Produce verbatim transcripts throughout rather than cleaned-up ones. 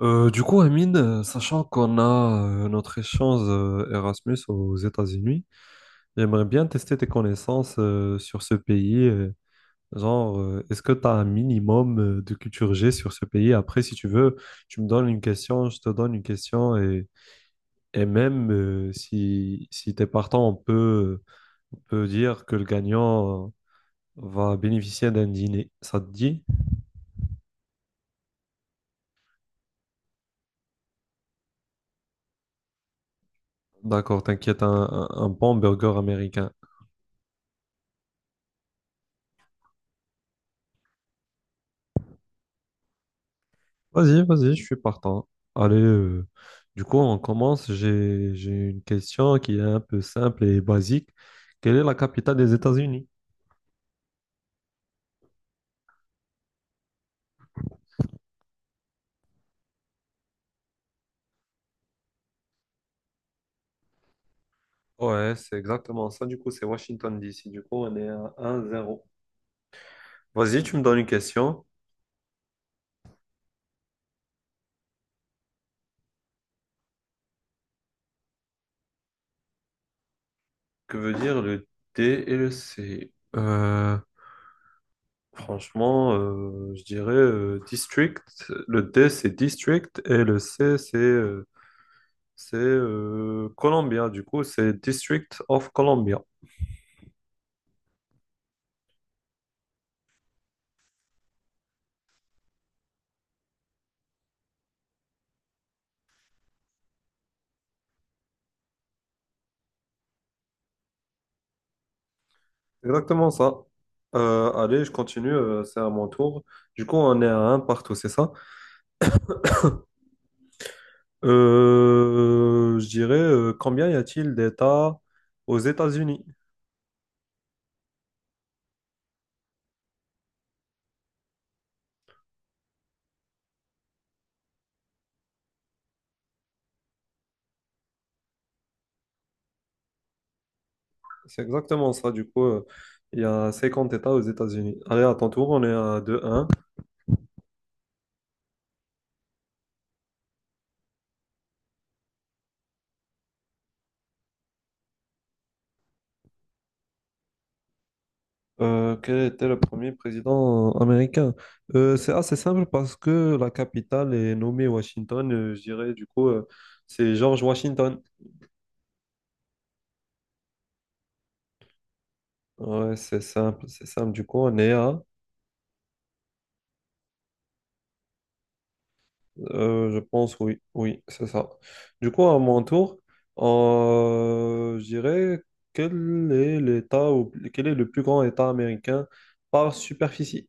Euh, du coup, Amine, euh, sachant qu'on a euh, notre échange euh, Erasmus aux États-Unis, j'aimerais bien tester tes connaissances euh, sur ce pays. Euh, genre, euh, est-ce que tu as un minimum euh, de culture G sur ce pays? Après, si tu veux, tu me donnes une question, je te donne une question, et, et même euh, si, si tu es partant, on peut, on peut dire que le gagnant euh, va bénéficier d'un dîner. Ça te dit? D'accord, t'inquiète, un, un un bon burger américain. Vas-y, vas-y, je suis partant. Allez, euh, du coup, on commence. J'ai, j'ai une question qui est un peu simple et basique. Quelle est la capitale des États-Unis? Ouais, c'est exactement ça. Du coup, c'est Washington, D C. Du coup, on est à un zéro. Vas-y, tu me donnes une question. Que veut dire le D et le C? Euh, Franchement, euh, je dirais euh, district. Le D, c'est district et le C, c'est euh, c'est euh, Columbia. Du coup, c'est District of Columbia. Exactement ça. Euh, allez, je continue, euh, c'est à mon tour. Du coup, on est à un partout, c'est ça? Euh, je dirais, euh, combien y a-t-il d'États aux États-Unis? C'est exactement ça, du coup, euh, il y a cinquante États aux États-Unis. Allez, à ton tour, on est à deux un. Euh, quel était le premier président euh, américain? Euh, c'est assez simple parce que la capitale est nommée Washington, euh, je dirais, du coup, euh, c'est George Washington. Ouais, c'est simple, c'est simple, du coup, on est à… Euh, je pense, oui, oui, c'est ça. Du coup, à mon tour, euh, je dirais quel est l'État ou quel est le plus grand État américain par superficie?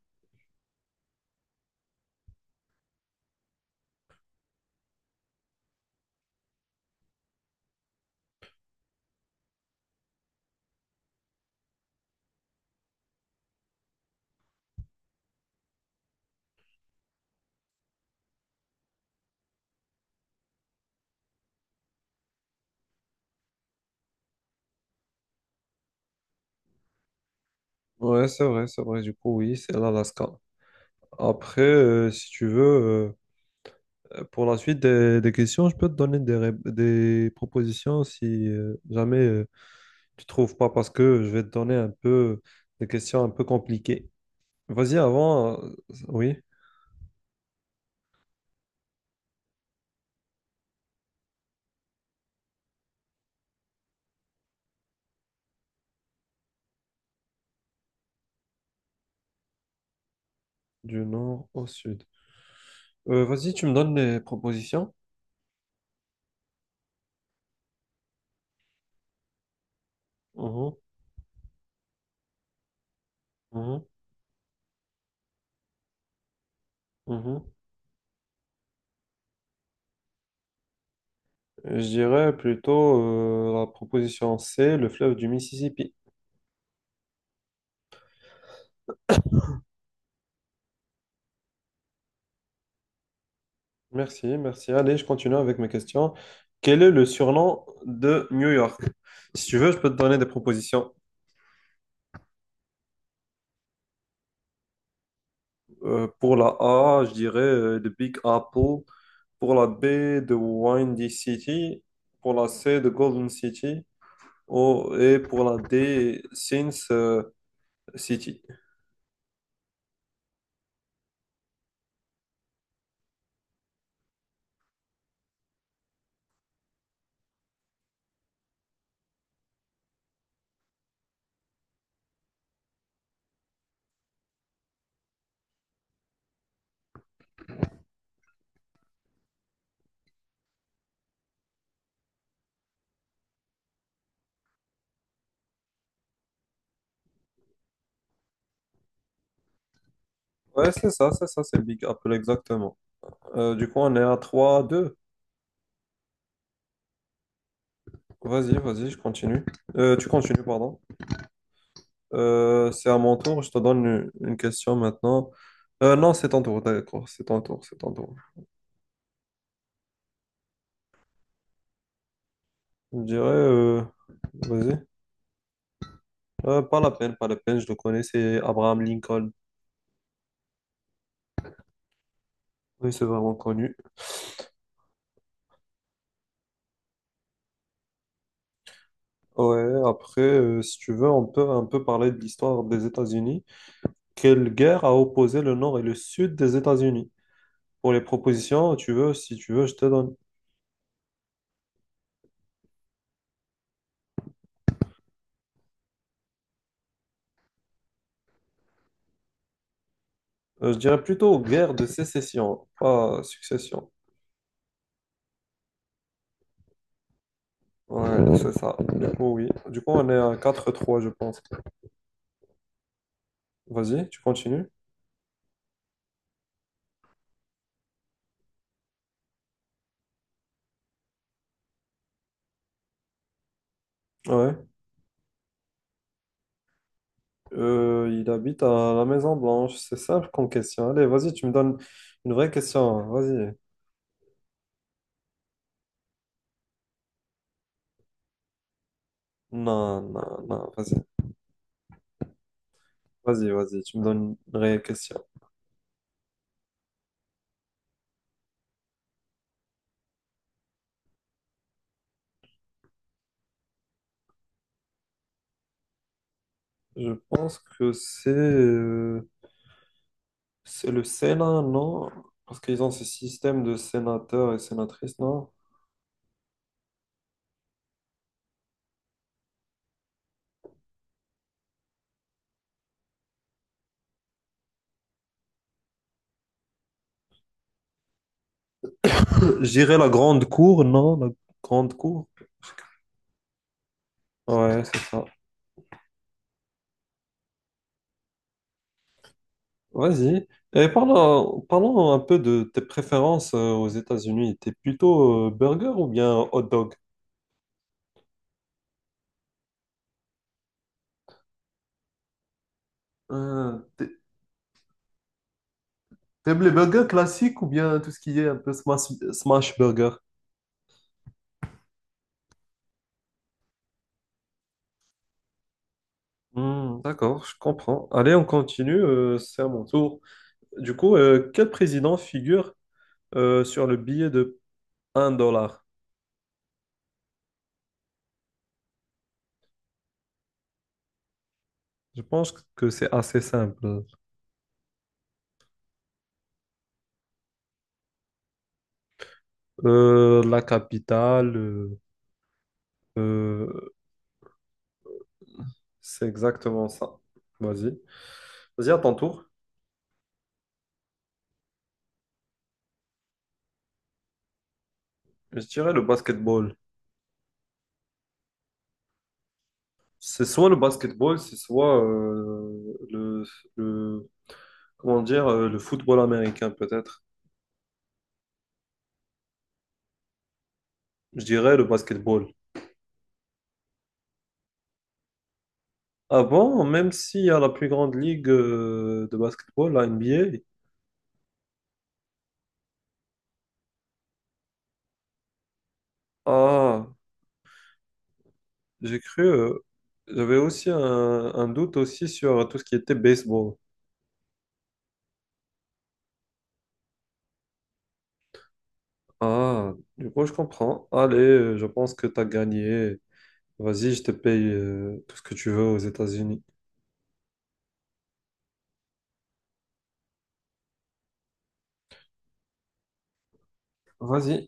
Ouais, c'est vrai, c'est vrai. Du coup, oui, c'est l'Alaska. Après, euh, si tu veux, euh, pour la suite des, des questions, je peux te donner des, ré- des propositions si euh, jamais euh, tu trouves pas, parce que je vais te donner un peu des questions un peu compliquées. Vas-y, avant, euh, oui, du nord au sud. Euh, vas-y, tu me donnes les propositions. Mhm, mhm, mhm. Je dirais plutôt euh, la proposition C, le fleuve du Mississippi. Merci, merci. Allez, je continue avec mes questions. Quel est le surnom de New York? Si tu veux, je peux te donner des propositions. Euh, pour la A, je dirais euh, The Big Apple. Pour la B, The Windy City. Pour la C, The Golden City. Oh, et pour la D, Sins euh, City. Ouais, c'est ça, c'est ça, c'est Big Apple, exactement. Euh, du coup, on est à trois deux. Vas-y, vas-y, je continue. Euh, tu continues, pardon. Euh, c'est à mon tour, je te donne une, une question maintenant. Euh, non, c'est ton tour, d'accord, c'est ton tour, c'est ton tour. Je dirais, euh, vas-y. Euh, pas la peine, pas la peine, je le connais, c'est Abraham Lincoln. Oui, c'est vraiment connu. Ouais, après, euh, si tu veux, on peut un peu parler de l'histoire des États-Unis. Quelle guerre a opposé le nord et le sud des États-Unis? Pour les propositions, tu veux, si tu veux, je te donne. Euh, je dirais plutôt guerre de sécession, pas succession. Ouais, c'est ça. Du coup, oui. Du coup, on est à quatre trois je pense. Vas-y, tu continues. Ouais. Euh, il habite à la Maison Blanche. C'est simple comme question. Allez, vas-y, tu me donnes une vraie question. Vas-y. Non, non, non, vas-y. Vas-y, vas-y, tu me donnes une vraie question. Je pense que c'est euh, c'est le Sénat, non? Parce qu'ils ont ce système de sénateurs et sénatrices, non? J'irais la grande cour, non? La grande cour. Ouais, c'est ça. Vas-y. Et parlons, parlons un peu de tes préférences euh, aux États-Unis. T'es plutôt euh, burger ou bien hot dog? Euh, t'a- T'aimes les burgers classiques ou bien tout ce qui est un peu smash, smash burger? Hmm, d'accord, je comprends. Allez, on continue, euh, c'est à mon tour. Du coup, euh, quel président figure euh, sur le billet de un dollar? Je pense que c'est assez simple. Euh, la capitale, euh, euh, c'est exactement ça. Vas-y. Vas-y, à ton tour. Je dirais le basketball. C'est soit le basketball, c'est soit euh, le, le- comment dire, euh, le football américain, peut-être. Je dirais le basketball. Avant, même s'il y a la plus grande ligue euh, de basketball, la N B A, ah, j'ai cru, euh, j'avais aussi un, un doute aussi sur tout ce qui était baseball. Ah, du coup, je comprends. Allez, euh, je pense que tu as gagné. Vas-y, je te paye euh, tout ce que tu veux aux États-Unis. Vas-y.